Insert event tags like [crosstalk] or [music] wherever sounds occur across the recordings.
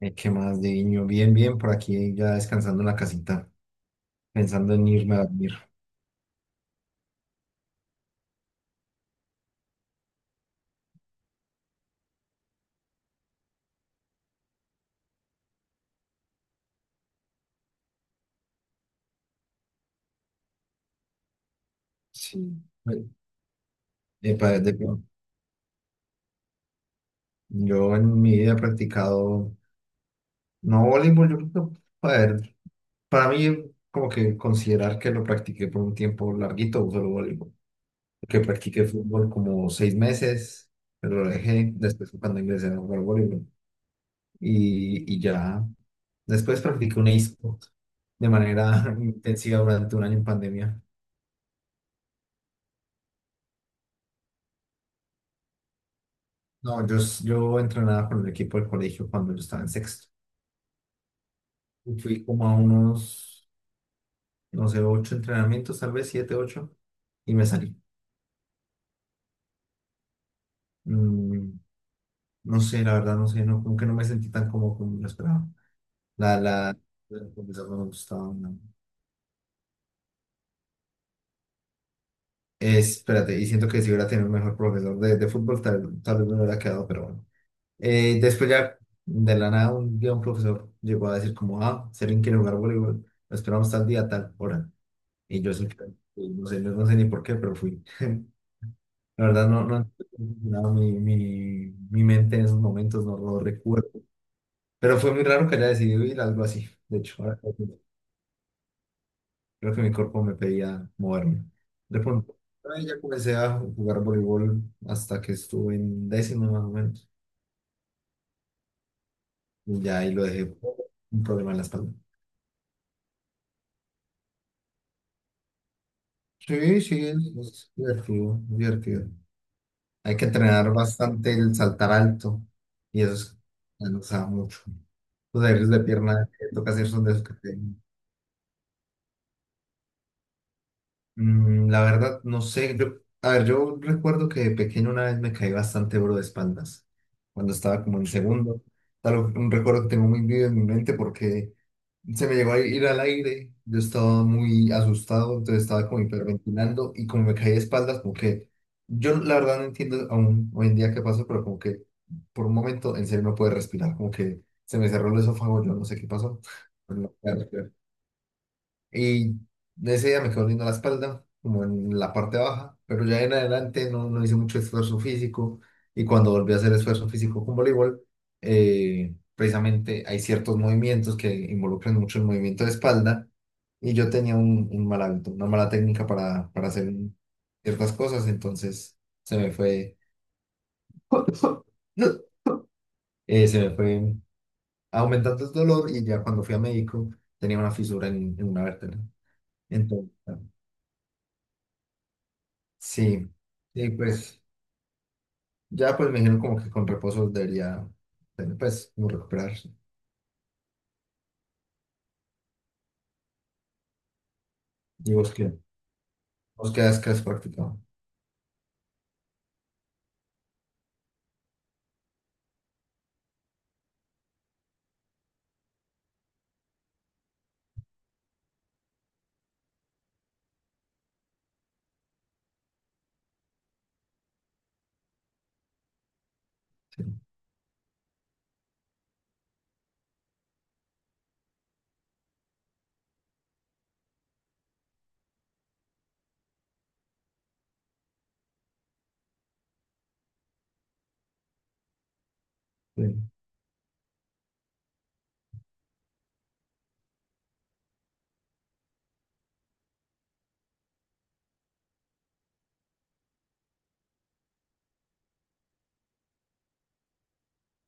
¿Qué más de niño? Bien, bien, por aquí ya descansando en la casita, pensando en irme a dormir. Sí. Eh, epa, yo en mi vida he practicado, no voleibol, yo creo que, a ver, para mí como que considerar que lo practiqué por un tiempo larguito, solo voleibol, que practiqué fútbol como 6 meses, pero lo dejé después fue cuando ingresé a jugar voleibol y ya, después practiqué un e-sport de manera [laughs] intensiva durante un año en pandemia. No, yo entrenaba con el equipo del colegio cuando yo estaba en sexto. Fui como a unos, no sé, ocho entrenamientos, tal vez siete, ocho, y me salí. Mm, no sé, la verdad, no sé, no, como que no me sentí tan cómodo como lo esperaba. La, la, el profesor no me gustaba. No. Espérate, y siento que si hubiera tenido un mejor profesor de fútbol, tal vez me hubiera quedado, pero bueno. Después ya, de la nada, un día un profesor llegó a decir como, ah, Serín quiere jugar voleibol, lo esperamos tal día, tal hora. Y yo sí, fui, no sé, no, no sé ni por qué, pero fui. [laughs] La verdad, no, no, no, mi mente en esos momentos no lo recuerdo. Pero fue muy raro que haya decidido ir a algo así. De hecho, creo que mi cuerpo me pedía moverme. De pronto, ahí ya comencé a jugar voleibol hasta que estuve en décimo más o menos. Y ya ahí lo dejé por un problema en la espalda. Sí, sí, es divertido, es divertido. Hay que entrenar bastante el saltar alto y eso es, nos da mucho. Los ejercicios de pierna que toca hacer son de esos que. La verdad, no sé. Yo, a ver, yo recuerdo que de pequeño una vez me caí bastante bro de espaldas, cuando estaba como en segundo. Tal, un recuerdo que tengo muy vivo en mi mente porque se me llegó a ir al aire. Yo estaba muy asustado, entonces estaba como hiperventilando y como me caí de espaldas, como que yo la verdad no entiendo aún hoy en día qué pasó, pero como que por un momento en serio no pude respirar, como que se me cerró el esófago, yo no sé qué pasó. [laughs] Y ese día me quedó linda la espalda, como en la parte baja, pero ya en adelante no, no hice mucho esfuerzo físico. Y cuando volví a hacer esfuerzo físico con voleibol, precisamente hay ciertos movimientos que involucran mucho el movimiento de espalda. Y yo tenía un mal hábito, una mala técnica para hacer ciertas cosas, entonces se me fue [laughs] se me fue aumentando el dolor y ya cuando fui a médico tenía una fisura en una vértebra. Entonces, sí, y pues ya pues me dijeron como que con reposo debería, tener, pues, como recuperarse. ¿Y vos qué? ¿Vos qué has practicado? Sí, sí.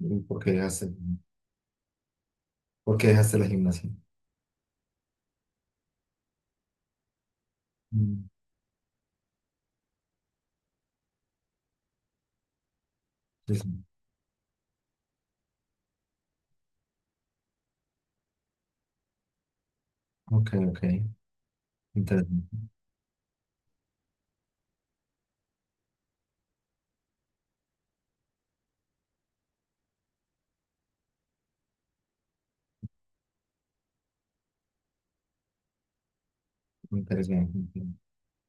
¿Y por qué dejaste la gimnasia? Mm, sí, sí. Ok, ok. Interesante, interesante.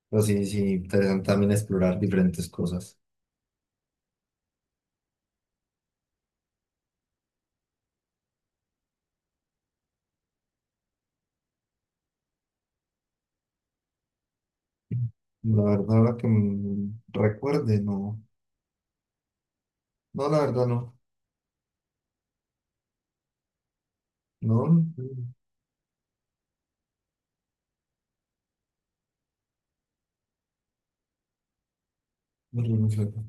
Pero sí, sí, interesante también explorar diferentes cosas. La verdad, ahora que me recuerde, no. No, la verdad, no. No, no, no, no, no, no.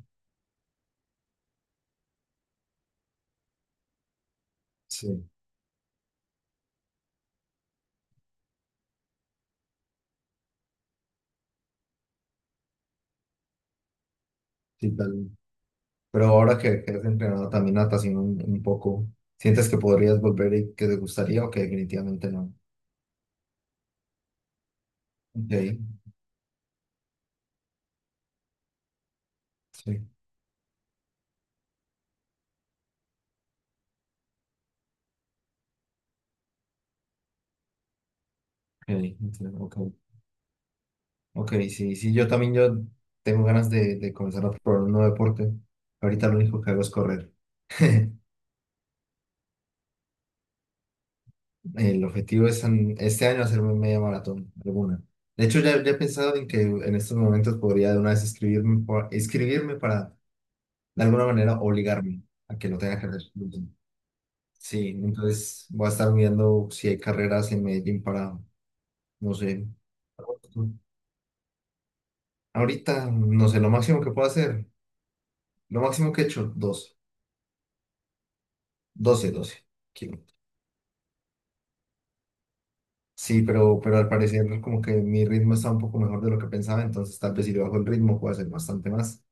Sí, sí, tal. Pero ahora que has entrenado también natación un poco, ¿sientes que podrías volver y que te gustaría o que definitivamente no? Ok, sí, ok, entiendo, ok, ok, sí, sí, yo también yo tengo ganas de comenzar a probar un nuevo deporte. Ahorita lo único que hago es correr. [laughs] El objetivo es este año hacerme media maratón, alguna. De hecho, ya he pensado en que en estos momentos podría de una vez inscribirme, inscribirme para de alguna manera obligarme a que lo tenga que hacer. Sí, entonces voy a estar viendo si hay carreras en Medellín para, no sé, ahorita, no sé, lo máximo que puedo hacer, lo máximo que he hecho, 12 kilómetros. Sí, pero al parecer como que mi ritmo está un poco mejor de lo que pensaba, entonces tal vez si le bajo el ritmo puedo hacer bastante más.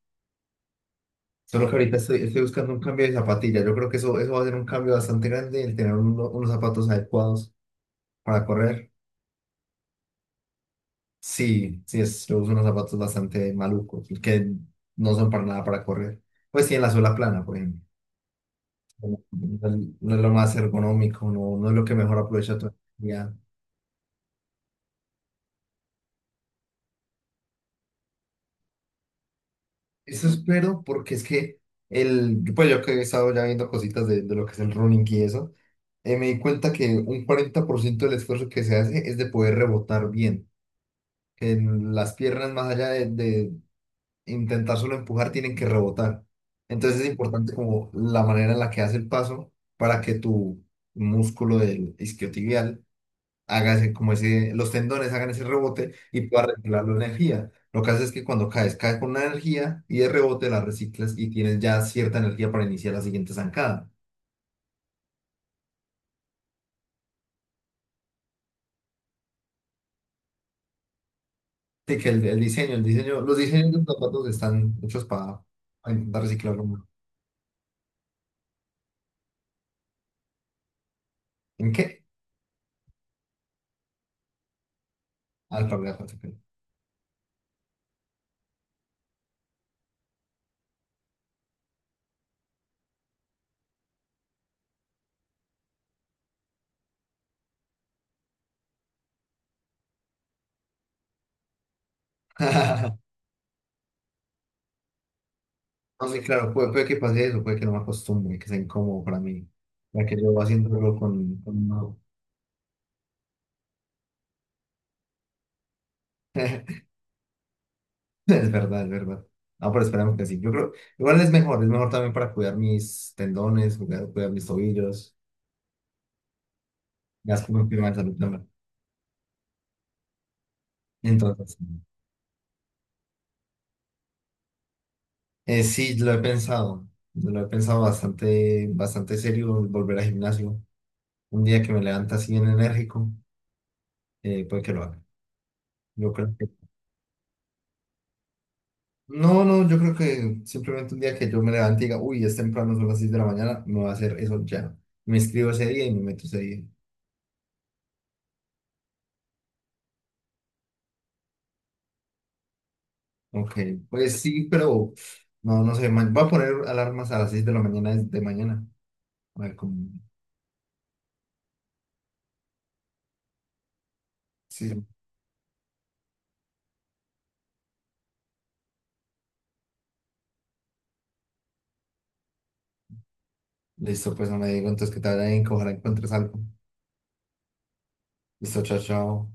Solo que ahorita estoy buscando un cambio de zapatilla, yo creo que eso va a ser un cambio bastante grande, el tener unos zapatos adecuados para correr. Sí, sí, yo uso unos zapatos bastante malucos, que no son para nada para correr. Pues sí, en la suela plana, por ejemplo. No no, es lo más ergonómico, no, no es lo que mejor aprovecha tu energía. Eso espero, porque es que pues yo que he estado ya viendo cositas de lo que es el running y eso, me di cuenta que un 40% del esfuerzo que se hace es de poder rebotar bien. Que en las piernas, más allá de intentar solo empujar, tienen que rebotar. Entonces es importante como la manera en la que hace el paso para que tu músculo del isquiotibial haga ese, como ese, los tendones hagan ese rebote y pueda reciclar la energía. Lo que hace es que cuando caes, caes con una energía y de rebote la reciclas y tienes ya cierta energía para iniciar la siguiente zancada. Así que los diseños de los zapatos están hechos para intentar reciclarlo. ¿En qué? Alpargatas. Ok. [laughs] No, sí, claro, puede que pase eso, puede que no me acostumbre, que sea incómodo para mí, ya que yo haciéndolo con no. [laughs] Es verdad, es verdad. No, pero esperemos que sí. Yo creo, igual es mejor también para cuidar mis tendones, cuidar mis tobillos, ya como un tema de salud también. Entonces, sí, lo he pensado bastante, bastante serio, volver al gimnasio. Un día que me levanta así bien enérgico, puede que lo haga. Yo creo No, no, yo creo que simplemente un día que yo me levante y diga, uy, es temprano, son las 6 de la mañana, me voy a hacer eso ya. Me escribo ese día y me meto ese día. Ok, pues sí, pero no, no sé, voy a poner alarmas a las 6 de la mañana de mañana. A ver cómo. Sí, listo, pues no me digo entonces que te vaya bien, que ojalá encuentres algo. Listo, chao, chao.